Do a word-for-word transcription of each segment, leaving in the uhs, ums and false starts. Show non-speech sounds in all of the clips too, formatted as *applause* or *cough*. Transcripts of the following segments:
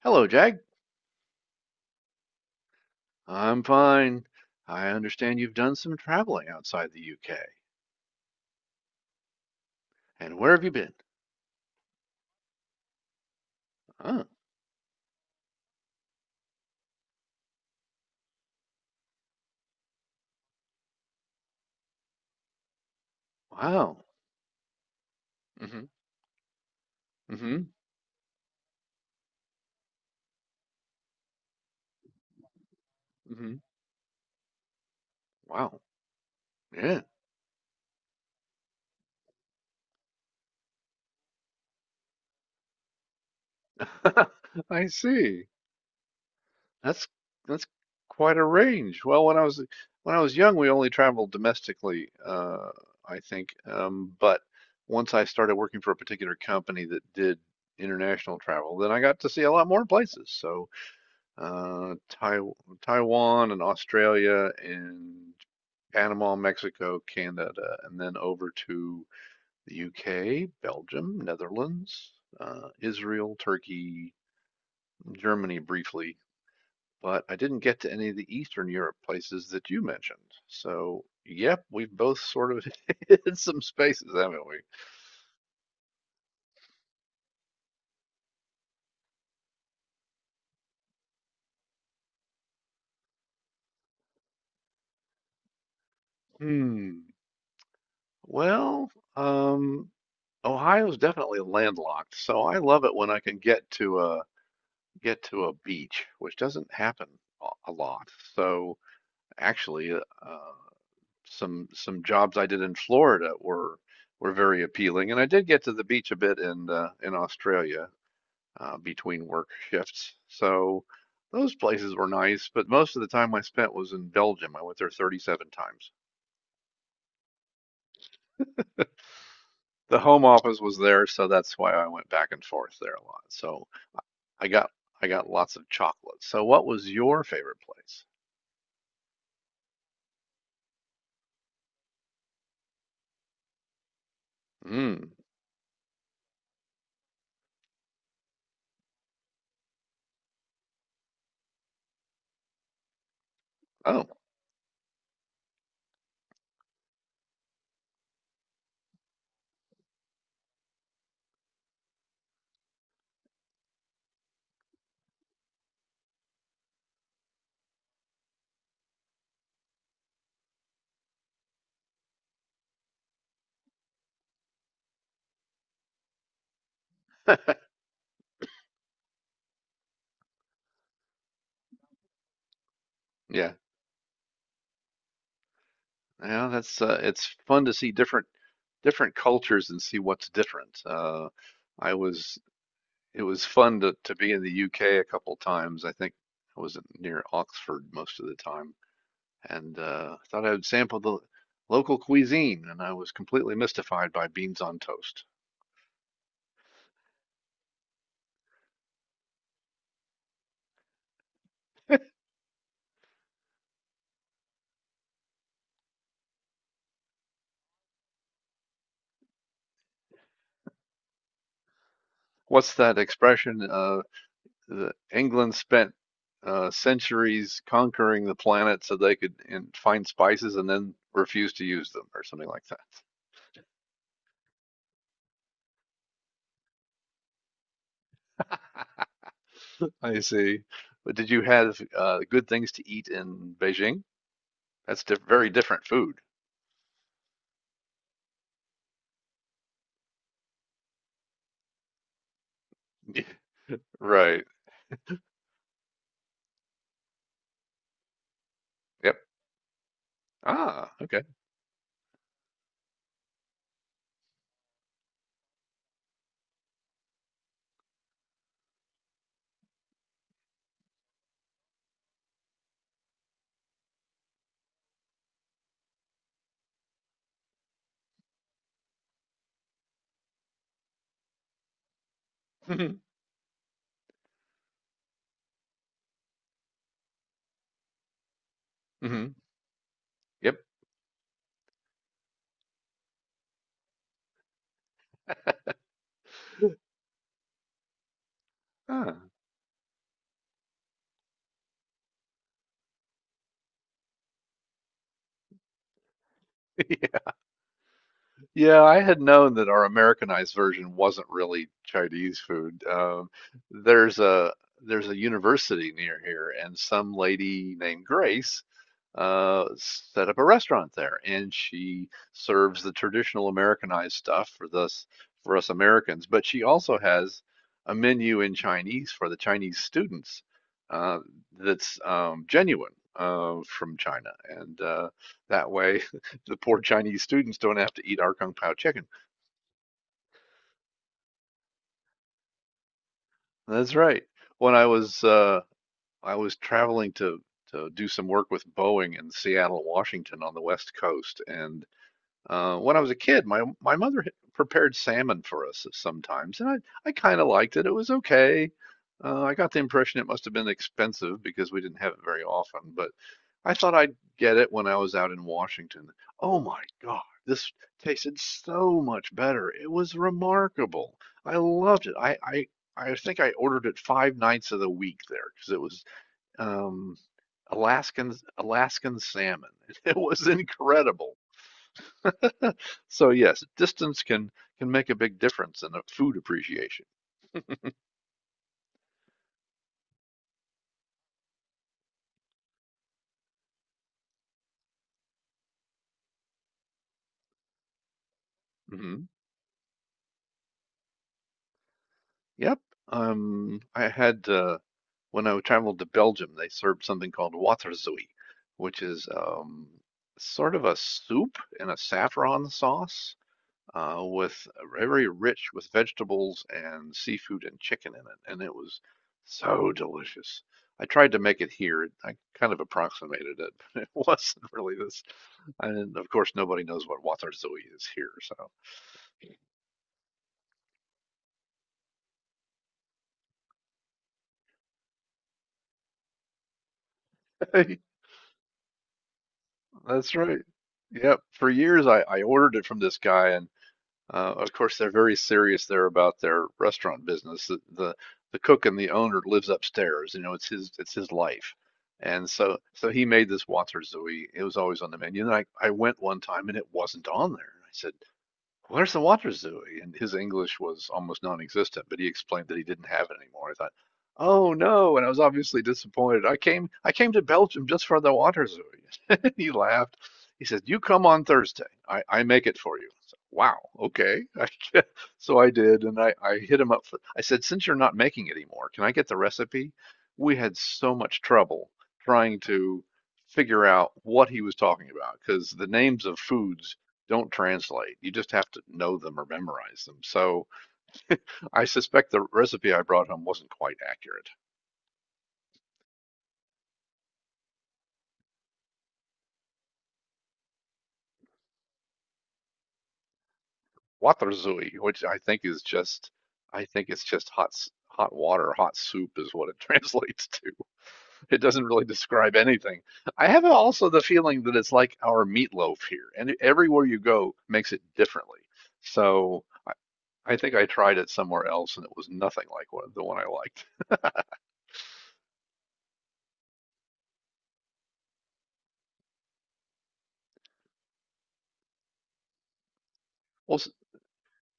Hello, Jag. I'm fine. I understand you've done some traveling outside the U K. And where have you been? Oh, wow. Mm-hmm. Mm-hmm. Mm-hmm. Wow. Yeah. *laughs* I see. That's that's quite a range. Well, when I was when I was young, we only traveled domestically, uh, I think. Um, but once I started working for a particular company that did international travel, then I got to see a lot more places. So, uh, Taiwan and Australia and Panama, Mexico, Canada, and then over to the U K, Belgium, Netherlands, uh, Israel, Turkey, Germany briefly. But I didn't get to any of the Eastern Europe places that you mentioned. So, yep, we've both sort of *laughs* hit some spaces, haven't we? Hmm. Well, um, Ohio's definitely landlocked, so I love it when I can get to a. get to a beach, which doesn't happen a lot. So actually, uh, uh, some some jobs I did in Florida were were very appealing, and I did get to the beach a bit in uh, in Australia uh, between work shifts. So those places were nice, but most of the time I spent was in Belgium. I went there thirty-seven times. The home office was there, so that's why I went back and forth there a lot. So I got I got lots of chocolate. So what was your favorite place? Mm. Oh, yeah. Yeah, that's uh, it's fun to see different different cultures and see what's different. Uh, I was it was fun to to be in the U K a couple times. I think I was near Oxford most of the time, and uh, thought I would sample the local cuisine, and I was completely mystified by beans on toast. What's that expression? Uh, the England spent uh, centuries conquering the planet so they could and find spices and then refuse to use them, or something like that. *laughs* I see. But did you have uh, good things to eat in Beijing? That's diff Very different food. *laughs* Right. Yep. Ah, okay. *laughs* Hmm. Hmm. Yep. Ah. *laughs* Yeah, I had known that our Americanized version wasn't really Chinese food. Um, there's a there's a university near here, and some lady named Grace uh, set up a restaurant there, and she serves the traditional Americanized stuff for this for us Americans. But she also has a menu in Chinese for the Chinese students uh, that's um, genuine, uh, from China, and uh, that way the poor Chinese students don't have to eat our kung pao chicken. That's right. When I was uh, I was traveling to to do some work with Boeing in Seattle, Washington, on the West Coast, and uh, when I was a kid, my my mother had prepared salmon for us sometimes, and I I kind of liked it. It was okay. Uh, I got the impression it must have been expensive because we didn't have it very often, but I thought I'd get it when I was out in Washington. Oh my God, this tasted so much better. It was remarkable. I loved it. I, I, I think I ordered it five nights of the week there because it was um, Alaskan Alaskan salmon. *laughs* It was incredible. So yes, distance can can make a big difference in a food appreciation. Hmm. Yep. Um, I had, uh, when I traveled to Belgium, they served something called waterzooi, which is um, sort of a soup in a saffron sauce, uh, with, uh, very rich with vegetables and seafood and chicken in it, and it was so delicious. I tried to make it here. I kind of approximated it, *laughs* but it wasn't really this. And of course, nobody knows what waterzooi is here, so. *laughs* That's right. Yep. For years, I, I ordered it from this guy, and uh, of course, they're very serious there about their restaurant business. The, the the cook and the owner lives upstairs. You know, it's his it's his life, and so so he made this water Zooey. It was always on the menu, and I I went one time and it wasn't on there. I said, where's the water zoo? And his English was almost non-existent, but he explained that he didn't have it anymore. I thought, oh no, and I was obviously disappointed. I came, I came to Belgium just for the water zoo. *laughs* He laughed. He said, "You come on Thursday. I, I make it for you." I said, wow, okay. *laughs* So I did, and I, I hit him up for, I said, since you're not making it anymore, can I get the recipe? We had so much trouble trying to figure out what he was talking about because the names of foods don't translate. You just have to know them or memorize them. So I suspect the recipe I brought home wasn't quite accurate. Waterzui, which I think is just, I think it's just hot hot water, hot soup is what it *laughs* translates to. It doesn't really describe anything. I have also the feeling that it's like our meatloaf here, and, e, everywhere you go makes it differently. So I, I think I tried it somewhere else, and it was nothing like what, the one I liked. Well,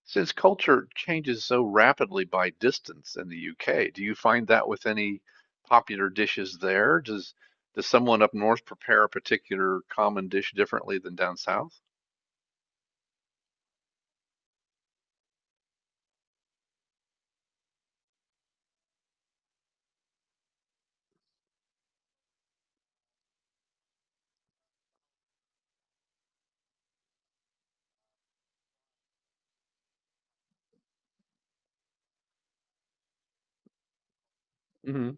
since culture changes so rapidly by distance in the U K, do you find that with any popular dishes there? Does does someone up north prepare a particular common dish differently than down south? Mhm.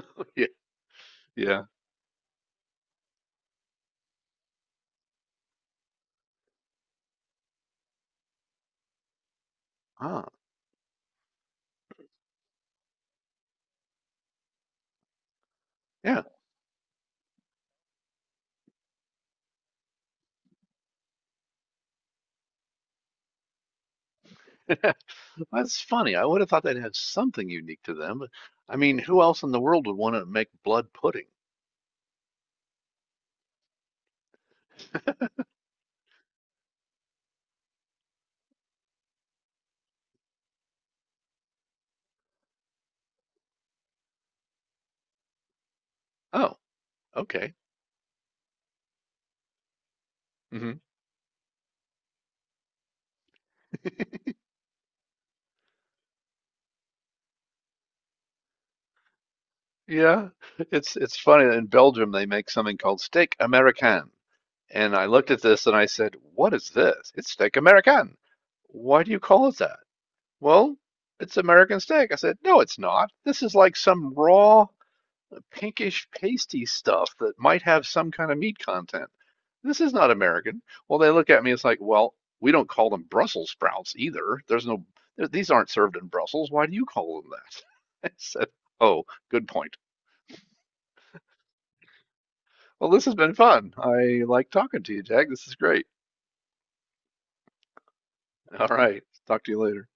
*laughs* Yeah. Yeah. Ah, yeah. *laughs* That's funny. I would have thought they'd have something unique to them. But, I mean, who else in the world would want to make blood pudding? Oh, okay. Mhm. *laughs* Yeah. It's it's funny that in Belgium they make something called steak Americain. And I looked at this and I said, what is this? It's steak American. Why do you call it that? Well, it's American steak. I said, no, it's not. This is like some raw, pinkish, pasty stuff that might have some kind of meat content. This is not American. Well, they look at me, it's like, well, we don't call them Brussels sprouts either. There's no, these aren't served in Brussels. Why do you call them that? *laughs* I said, oh, good point. Well, this has been fun. I like talking to you, Jack. This is great. All right. Talk to you later.